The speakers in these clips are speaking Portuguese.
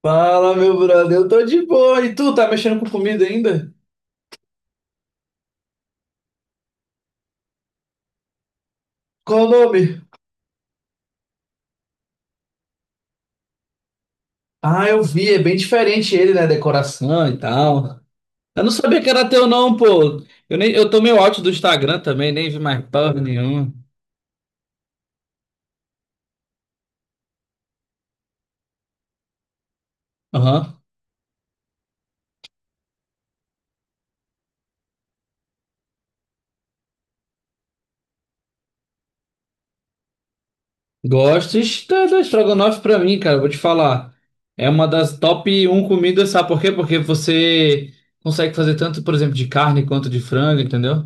Fala, meu brother, eu tô de boa. E tu, tá mexendo com comida ainda? Qual o nome? Ah, eu vi, é bem diferente ele, né? Decoração e tal. Eu não sabia que era teu, não, pô. Eu, nem, eu tô meio out do Instagram também, nem vi mais porra nenhuma. Aham. Gosto está da estrogonofe pra mim, cara. Eu vou te falar. É uma das top um comidas, sabe por quê? Porque você consegue fazer tanto, por exemplo, de carne quanto de frango, entendeu?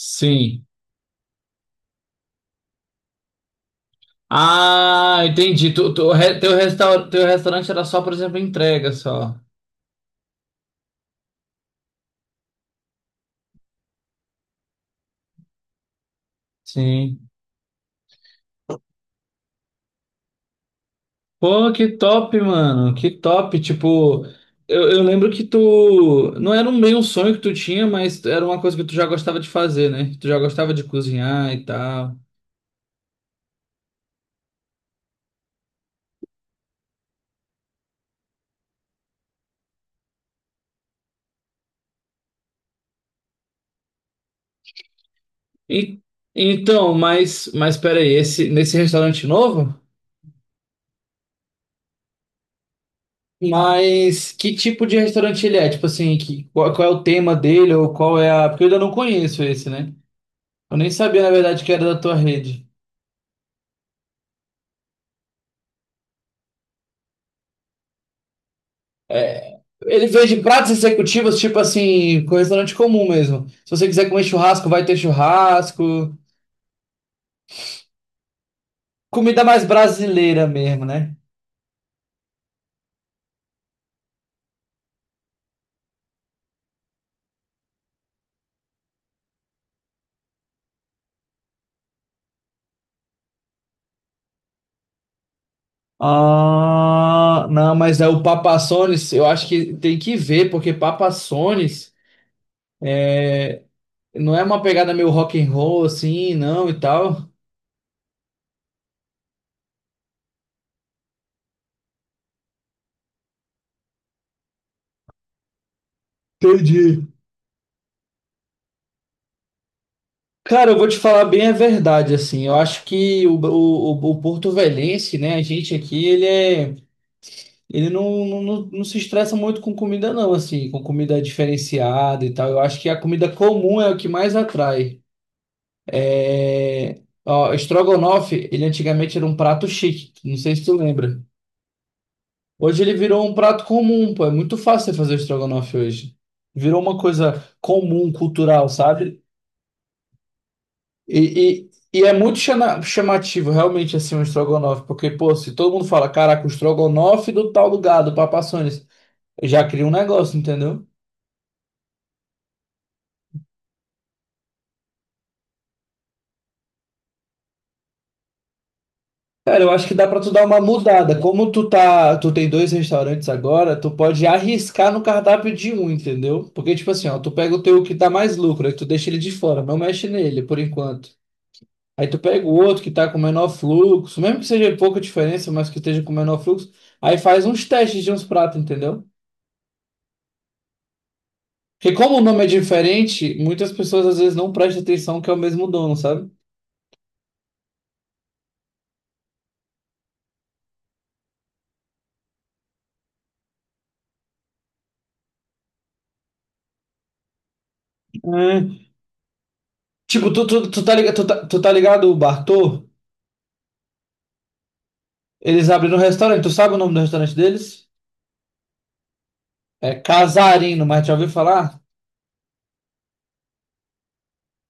Sim. Ah, entendi. Tu, tu, re- teu, restaur, teu restaurante era só, por exemplo, entrega só. Sim. Pô, que top, mano. Que top. Tipo, eu lembro que tu. Não era um meio um sonho que tu tinha, mas era uma coisa que tu já gostava de fazer, né? Tu já gostava de cozinhar e tal. E, então, mas peraí, nesse restaurante novo? Mas que tipo de restaurante ele é? Tipo assim, qual é o tema dele ou qual é a. Porque eu ainda não conheço esse, né? Eu nem sabia, na verdade, que era da tua rede. Ele vende pratos executivos, tipo assim, com restaurante comum mesmo. Se você quiser comer churrasco, vai ter churrasco. Comida mais brasileira mesmo, né? Ah, não, mas é o Papassones, eu acho que tem que ver, porque Papassones não é uma pegada meio rock and roll assim, não, e tal. Entendi. Cara, eu vou te falar bem a verdade, assim, eu acho que o Porto Velhense, né, a gente aqui, Ele não, não, não não se estressa muito com comida, não, assim, com comida diferenciada e tal. Eu acho que a comida comum é o que mais atrai. É. Ó, estrogonofe, ele antigamente era um prato chique, não sei se tu lembra. Hoje ele virou um prato comum, pô, é muito fácil você fazer estrogonofe hoje. Virou uma coisa comum, cultural, sabe? E, e é muito chamativo, realmente, assim, um estrogonofe, porque, pô, se todo mundo fala, caraca, o estrogonofe do tal lugar, do Papa John's, já cria um negócio, entendeu? Cara, eu acho que dá pra tu dar uma mudada. Como tu tem dois restaurantes agora, tu pode arriscar no cardápio de um, entendeu? Porque tipo assim, ó, tu pega o teu que dá mais lucro, aí tu deixa ele de fora, não mexe nele por enquanto. Aí tu pega o outro que tá com menor fluxo, mesmo que seja pouca diferença, mas que esteja com menor fluxo, aí faz uns testes de uns pratos, entendeu? Porque como o nome é diferente, muitas pessoas às vezes não prestam atenção que é o mesmo dono, sabe? É. Tipo, tu tá ligado, tu tá ligado o Bartô? Eles abriram um restaurante. Tu sabe o nome do restaurante deles? É Casarino, mas já ouviu falar?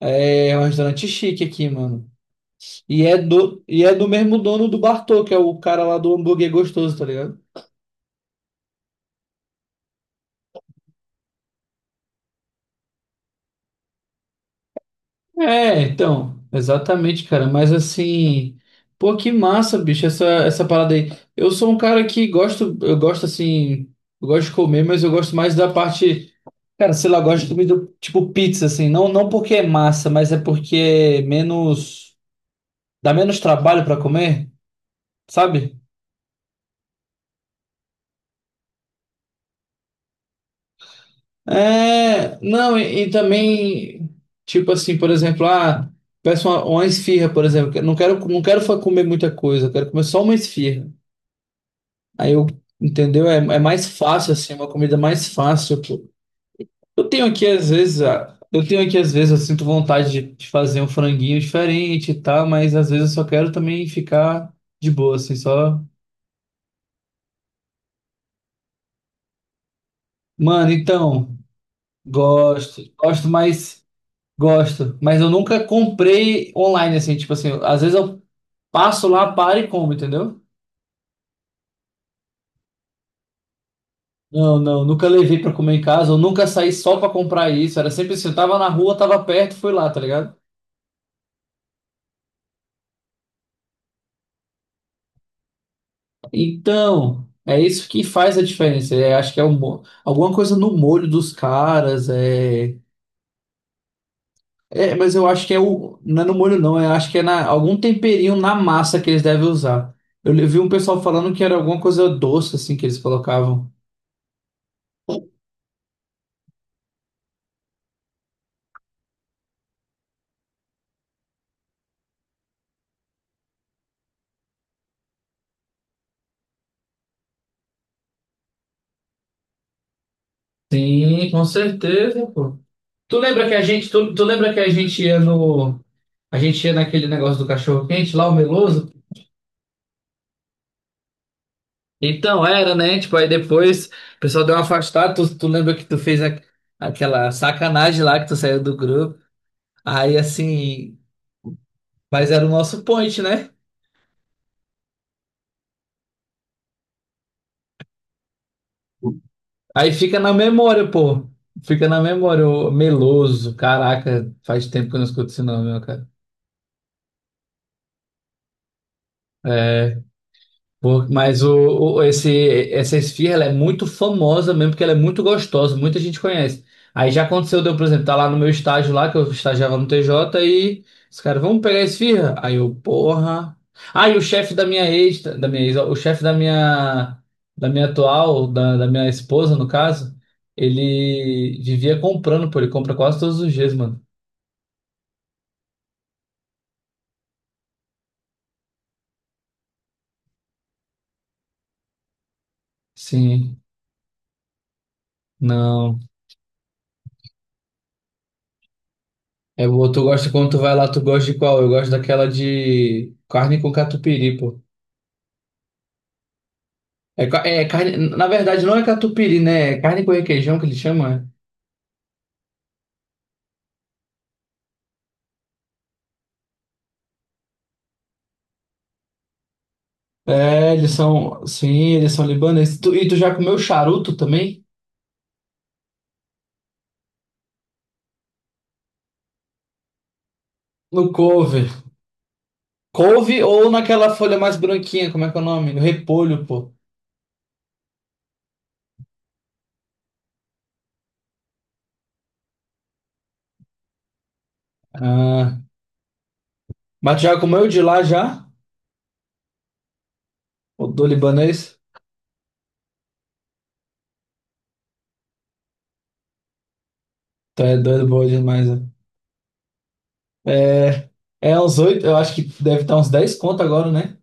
É um restaurante chique aqui, mano. E é do mesmo dono do Bartô, que é o cara lá do hambúrguer gostoso, tá ligado? É, então, exatamente, cara. Mas assim, pô, que massa, bicho, essa parada aí. Eu sou um cara que gosto, eu gosto assim, eu gosto de comer, mas eu gosto mais da parte, cara, sei lá, eu gosto de comida tipo pizza, assim. Não, não porque é massa, mas é porque é menos. Dá menos trabalho para comer, sabe? É, não, e também, tipo assim, por exemplo, peço uma esfirra, por exemplo, que eu não quero comer muita coisa, eu quero comer só uma esfirra. Aí eu, entendeu? É mais fácil, assim, uma comida mais fácil, pô. Eu tenho aqui, às vezes, eu sinto vontade de fazer um franguinho diferente e tal, mas às vezes eu só quero também ficar de boa, assim, só. Mano, então, gosto, gosto, mas. gosto, mas eu nunca comprei online, assim, tipo assim, às vezes eu passo lá, paro e como, entendeu? Não, não, nunca levei pra comer em casa, eu nunca saí só pra comprar isso, era sempre assim, eu tava na rua, tava perto, fui lá, tá ligado? Então, é isso que faz a diferença, é, acho que é um, alguma coisa no molho dos caras, é, mas eu acho que é o, não é no molho não, eu acho que é na, algum temperinho na massa que eles devem usar. Eu vi um pessoal falando que era alguma coisa doce, assim, que eles colocavam. Sim, com certeza, pô. Tu lembra que a gente, tu lembra que a gente ia no, a gente ia naquele negócio do cachorro quente lá, o Meloso? Então era, né? Tipo, aí depois o pessoal deu uma afastada. Tu lembra que tu fez aquela sacanagem lá que tu saiu do grupo? Aí assim, mas era o nosso point, né? Aí fica na memória, pô. Fica na memória, o Meloso. Caraca, faz tempo que eu não escuto esse nome, ó, cara. É, mas essa esfirra ela é muito famosa mesmo, porque ela é muito gostosa, muita gente conhece. Aí já aconteceu, deu, por exemplo, tá lá no meu estágio lá, que eu estagiava no TJ, e os caras, vamos pegar a esfirra? Aí eu, porra. Aí o chefe da minha ex, ó, o chefe da minha atual, da minha esposa, no caso, ele vivia comprando, pô, ele compra quase todos os dias, mano. Sim, não. É boa, tu gosta quando tu vai lá, tu gosta de qual? Eu gosto daquela de carne com catupiry, pô. É, é carne, na verdade não é catupiry, né? É carne com requeijão que eles chamam, é? É, eles são, sim, eles são libaneses. E tu já comeu charuto também? No couve. Couve ou naquela folha mais branquinha, como é que é o nome? No repolho, pô. Ah, mas tu já comeu de lá já? O do libanês? Tu é doido, boa demais, né? É, é uns oito, eu acho que deve estar uns 10 conto agora, né?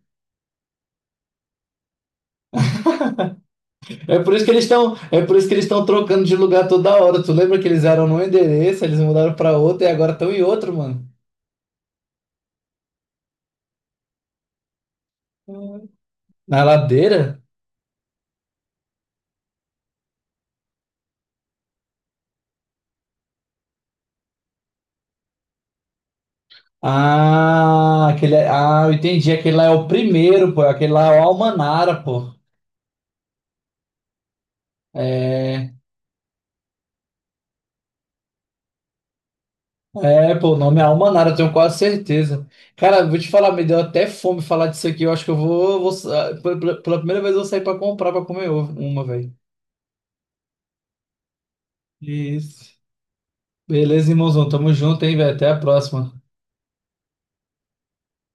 É por isso que eles estão, é por isso que eles estão trocando de lugar toda hora. Tu lembra que eles eram num endereço, eles mudaram pra outro e agora estão em outro, mano. Na ladeira? Ah, aquele, eu entendi. Aquele lá é o primeiro, pô. Aquele lá é o Almanara, pô. É, pô, o nome é Almanara, eu tenho quase certeza. Cara, vou te falar, me deu até fome falar disso aqui. Eu acho que eu vou, vou sa- pela primeira vez eu vou sair pra comprar pra comer uma, velho. Isso. Beleza, irmãozão. Tamo junto, hein, velho. Até a próxima.